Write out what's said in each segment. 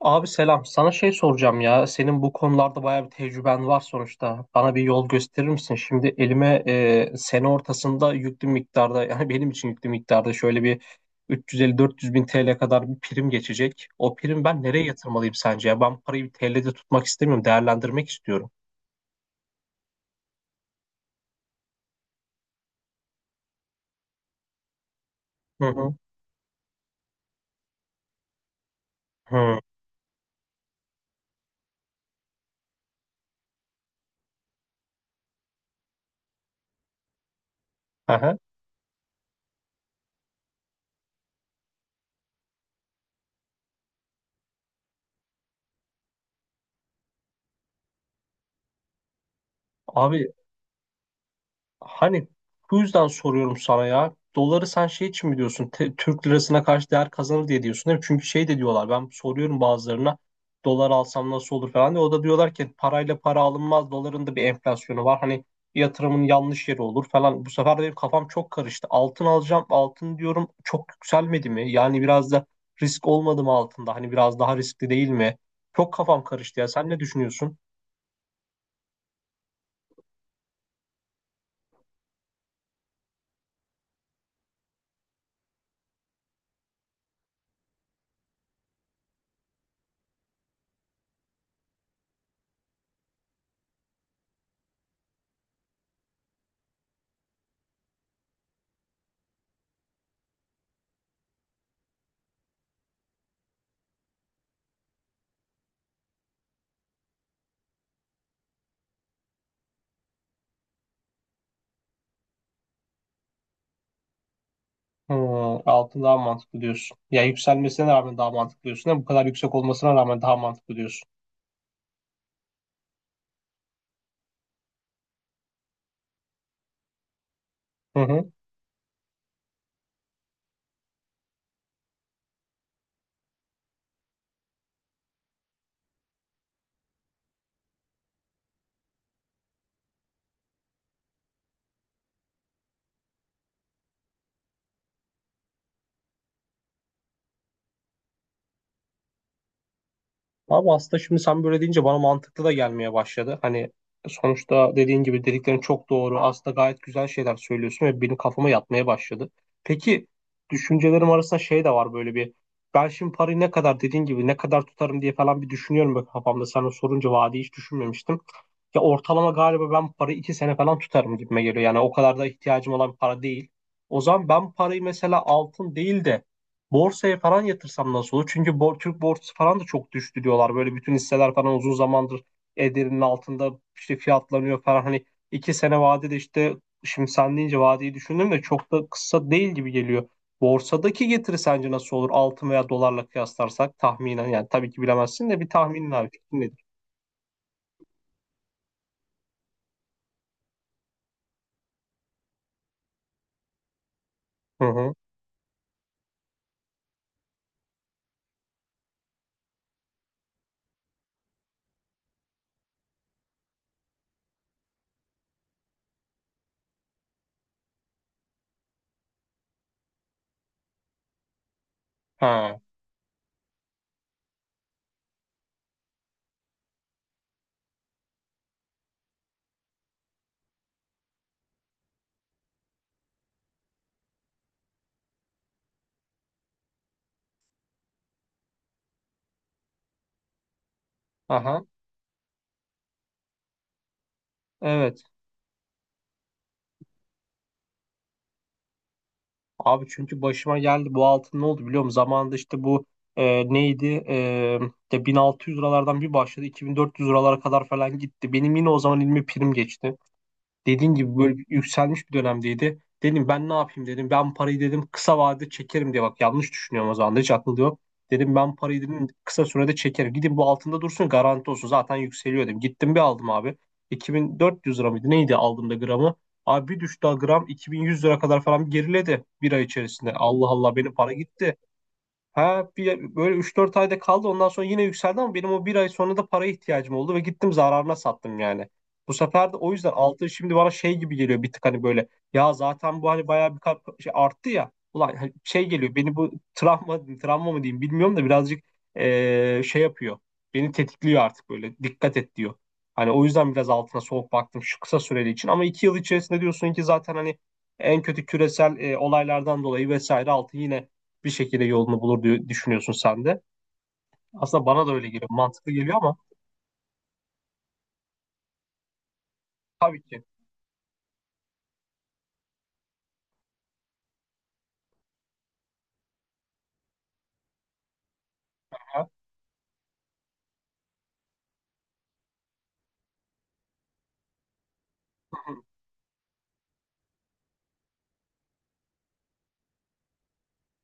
Abi selam. Sana şey soracağım ya. Senin bu konularda bayağı bir tecrüben var sonuçta. Bana bir yol gösterir misin? Şimdi elime sene ortasında yüklü miktarda yani benim için yüklü miktarda şöyle bir 350-400 bin TL kadar bir prim geçecek. O prim ben nereye yatırmalıyım sence ya? Ben parayı bir TL'de tutmak istemiyorum. Değerlendirmek istiyorum. Hı hı. Hı. Aha. Abi Hani Bu yüzden soruyorum sana ya. Doları sen şey için mi diyorsun? Türk lirasına karşı değer kazanır diye diyorsun değil mi? Çünkü şey de diyorlar. Ben soruyorum bazılarına. Dolar alsam nasıl olur falan diye. O da diyorlar ki parayla para alınmaz. Doların da bir enflasyonu var. Hani yatırımın yanlış yeri olur falan. Bu sefer de benim kafam çok karıştı. Altın alacağım. Altın diyorum, çok yükselmedi mi? Yani biraz da risk olmadı mı altında? Hani biraz daha riskli değil mi? Çok kafam karıştı ya. Sen ne düşünüyorsun? Hmm, altın daha mantıklı diyorsun. Ya yükselmesine rağmen daha mantıklı diyorsun. Değil, bu kadar yüksek olmasına rağmen daha mantıklı diyorsun. Hı hı. Abi aslında şimdi sen böyle deyince bana mantıklı da gelmeye başladı. Hani sonuçta dediğin gibi dediklerin çok doğru. Aslında gayet güzel şeyler söylüyorsun ve benim kafama yatmaya başladı. Peki düşüncelerim arasında şey de var böyle bir. Ben şimdi parayı, ne kadar dediğin gibi, ne kadar tutarım diye falan bir düşünüyorum böyle kafamda. Sana sorunca vaadi hiç düşünmemiştim. Ya ortalama galiba ben parayı 2 sene falan tutarım gibime geliyor. Yani o kadar da ihtiyacım olan para değil. O zaman ben parayı mesela altın değil de borsaya falan yatırsam nasıl olur? Çünkü Türk borsası falan da çok düştü diyorlar. Böyle bütün hisseler falan uzun zamandır ederinin altında işte fiyatlanıyor falan. Hani 2 sene vadede işte şimdi sen deyince vadeyi düşündüm de çok da kısa değil gibi geliyor. Borsadaki getiri sence nasıl olur? Altın veya dolarla kıyaslarsak tahminen, yani tabii ki bilemezsin de, bir tahminin abi, fikrin nedir? Hı hı. Ha. Aha. Evet. Abi çünkü başıma geldi bu altın, ne oldu biliyor musun? Zamanında işte bu neydi? İşte 1600 liralardan bir başladı, 2400 liralara kadar falan gitti. Benim yine o zaman elime prim geçti. Dediğin gibi böyle bir yükselmiş bir dönemdeydi. Dedim ben ne yapayım dedim. Ben parayı dedim kısa vadede çekerim diye, bak yanlış düşünüyorum, o zaman da hiç aklımda yok. Dedim ben parayı dedim kısa sürede çekerim. Gidin bu altında dursun, garanti olsun, zaten yükseliyor dedim. Gittim bir aldım abi. 2400 lira mıydı neydi aldığımda gramı. Abi bir düştü, gram 2100 lira kadar falan geriledi bir ay içerisinde. Allah Allah, benim para gitti. Ha bir, böyle üç dört ayda kaldı, ondan sonra yine yükseldi ama benim o bir ay sonra da paraya ihtiyacım oldu ve gittim zararına sattım yani. Bu sefer de o yüzden altın şimdi bana şey gibi geliyor bir tık hani böyle, ya zaten bu hani bayağı bir şey arttı ya ulan, hani şey geliyor, beni bu travma, travma mı diyeyim bilmiyorum da, birazcık şey yapıyor, beni tetikliyor artık, böyle dikkat et diyor. Hani o yüzden biraz altına soğuk baktım şu kısa süreli için ama 2 yıl içerisinde diyorsun ki zaten hani en kötü küresel olaylardan dolayı vesaire altın yine bir şekilde yolunu bulur diye düşünüyorsun sen de. Aslında bana da öyle geliyor. Mantıklı geliyor ama tabii ki.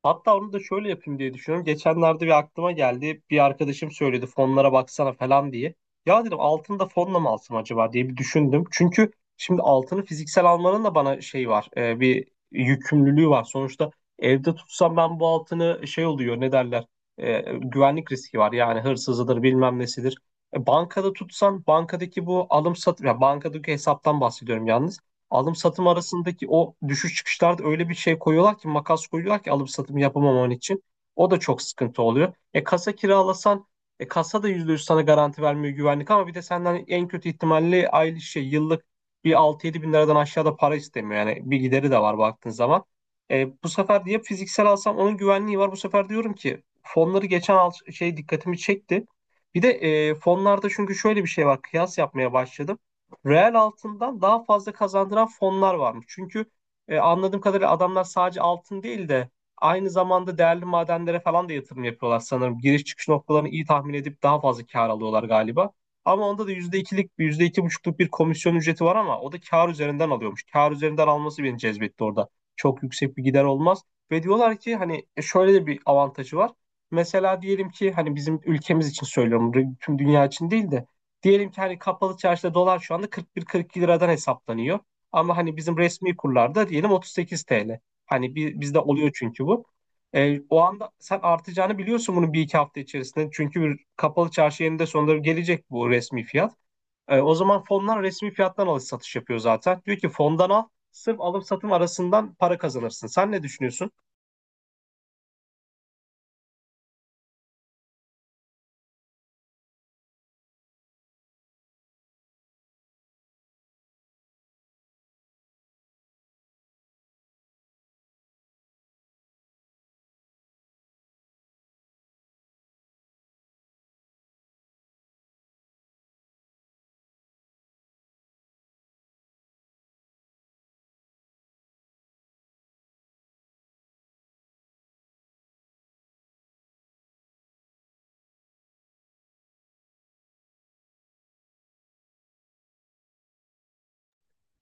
Hatta onu da şöyle yapayım diye düşünüyorum. Geçenlerde bir aklıma geldi. Bir arkadaşım söyledi, fonlara baksana falan diye. Ya dedim altını da fonla mı alsam acaba diye bir düşündüm. Çünkü şimdi altını fiziksel almanın da bana şey var. Bir yükümlülüğü var. Sonuçta evde tutsam ben bu altını şey oluyor, ne derler. Güvenlik riski var. Yani hırsızıdır bilmem nesidir. Bankada tutsan bankadaki bu alım satım. Ya bankadaki hesaptan bahsediyorum yalnız, alım satım arasındaki o düşüş çıkışlarda öyle bir şey koyuyorlar ki, makas koyuyorlar ki alım satım yapamaman için. O da çok sıkıntı oluyor. E kasa kiralasan, kasa da %100 sana garanti vermiyor güvenlik, ama bir de senden en kötü ihtimalle aylık şey yıllık bir 6 yedi bin liradan aşağıda para istemiyor. Yani bir gideri de var baktığın zaman. Bu sefer diye fiziksel alsam onun güvenliği var. Bu sefer diyorum ki fonları geçen al şey dikkatimi çekti. Bir de fonlarda çünkü şöyle bir şey var. Kıyas yapmaya başladım, reel altından daha fazla kazandıran fonlar varmış. Çünkü anladığım kadarıyla adamlar sadece altın değil de aynı zamanda değerli madenlere falan da yatırım yapıyorlar sanırım. Giriş çıkış noktalarını iyi tahmin edip daha fazla kar alıyorlar galiba. Ama onda da yüzde ikilik, yüzde iki buçukluk bir komisyon ücreti var ama o da kar üzerinden alıyormuş. Kar üzerinden alması beni cezbetti orada. Çok yüksek bir gider olmaz. Ve diyorlar ki hani şöyle de bir avantajı var. Mesela diyelim ki hani bizim ülkemiz için söylüyorum, tüm dünya için değil de, diyelim ki hani kapalı çarşıda dolar şu anda 41-42 liradan hesaplanıyor. Ama hani bizim resmi kurlarda diyelim 38 TL. Hani bizde oluyor çünkü bu. O anda sen artacağını biliyorsun bunun bir iki hafta içerisinde. Çünkü bir kapalı çarşı yerinde sonunda gelecek bu resmi fiyat. O zaman fonlar resmi fiyattan alış satış yapıyor zaten. Diyor ki, fondan al, sırf alım satım arasından para kazanırsın. Sen ne düşünüyorsun?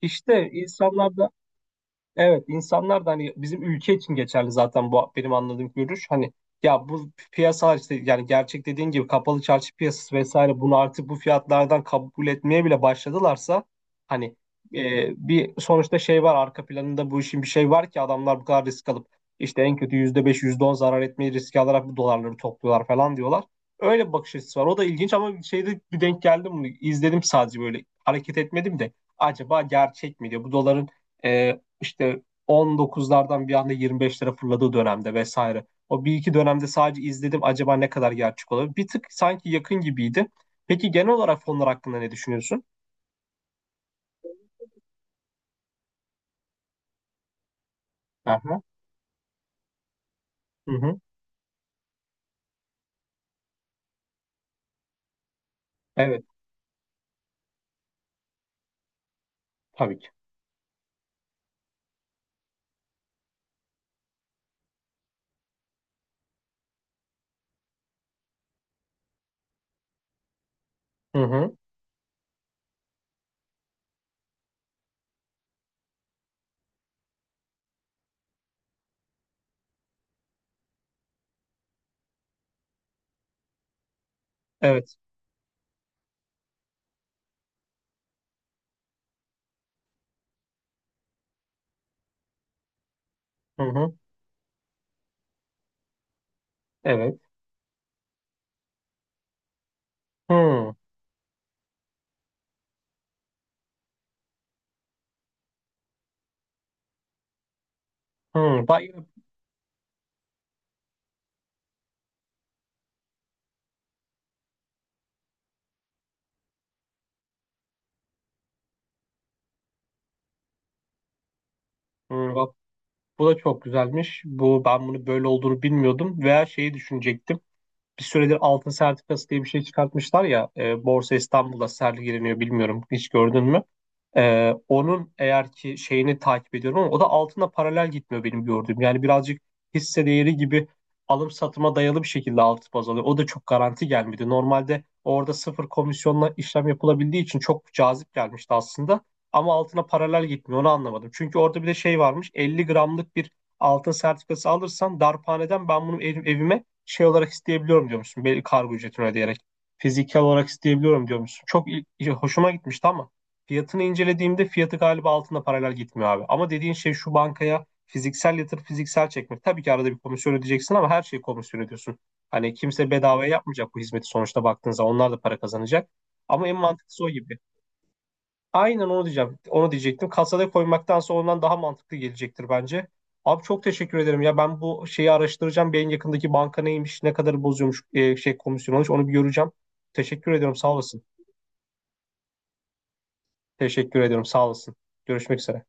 İşte insanlarda Evet, insanlar da hani bizim ülke için geçerli zaten bu benim anladığım görüş. Hani ya bu piyasalar işte yani gerçek, dediğin gibi, kapalı çarşı piyasası vesaire bunu artık bu fiyatlardan kabul etmeye bile başladılarsa hani bir sonuçta şey var arka planında bu işin, bir şey var ki adamlar bu kadar risk alıp işte en kötü %5 yüzde on zarar etmeyi riske alarak bu dolarları topluyorlar falan diyorlar. Öyle bir bakış açısı var. O da ilginç ama şeyde bir denk geldim mi? İzledim sadece, böyle hareket etmedim de acaba gerçek mi diye, bu doların e, işte 19'lardan bir anda 25 lira fırladığı dönemde vesaire. O bir iki dönemde sadece izledim, acaba ne kadar gerçek olabilir? Bir tık sanki yakın gibiydi. Peki genel olarak fonlar hakkında ne düşünüyorsun? Aha. Hı hı. Evet. Tabii ki. Hı hı. Evet. Hı hı. Evet. Hı. Hı. Bak, hı. Bak, bu da çok güzelmiş. Bu, ben bunu böyle olduğunu bilmiyordum veya şeyi düşünecektim. Bir süredir altın sertifikası diye bir şey çıkartmışlar ya. Borsa İstanbul'da sergileniyor, bilmiyorum. Hiç gördün mü? Onun eğer ki şeyini takip ediyorum ama o da altına paralel gitmiyor benim gördüğüm. Yani birazcık hisse değeri gibi alım satıma dayalı bir şekilde altı baz alıyor. O da çok garanti gelmedi. Normalde orada sıfır komisyonla işlem yapılabildiği için çok cazip gelmişti aslında. Ama altına paralel gitmiyor, onu anlamadım. Çünkü orada bir de şey varmış, 50 gramlık bir altın sertifikası alırsan darphaneden ben bunu evime şey olarak isteyebiliyorum diyormuşsun, belli kargo ücretini ödeyerek. Fiziksel olarak isteyebiliyorum diyormuşsun. Çok hoşuma gitmişti ama. Fiyatını incelediğimde fiyatı galiba altında paralel gitmiyor abi. Ama dediğin şey şu, bankaya fiziksel yatırıp fiziksel çekmek. Tabii ki arada bir komisyon ödeyeceksin ama her şeyi komisyon ödüyorsun. Hani kimse bedavaya yapmayacak bu hizmeti sonuçta baktığınızda. Onlar da para kazanacak. Ama en mantıklısı o gibi. Aynen onu diyeceğim. Onu diyecektim. Kasada koymaktansa ondan daha mantıklı gelecektir bence. Abi çok teşekkür ederim. Ya ben bu şeyi araştıracağım. Bir yakındaki banka neymiş, ne kadar bozuyormuş, şey komisyon olmuş, onu bir göreceğim. Teşekkür ediyorum. Sağ olasın. Teşekkür ediyorum. Sağ olasın. Görüşmek üzere.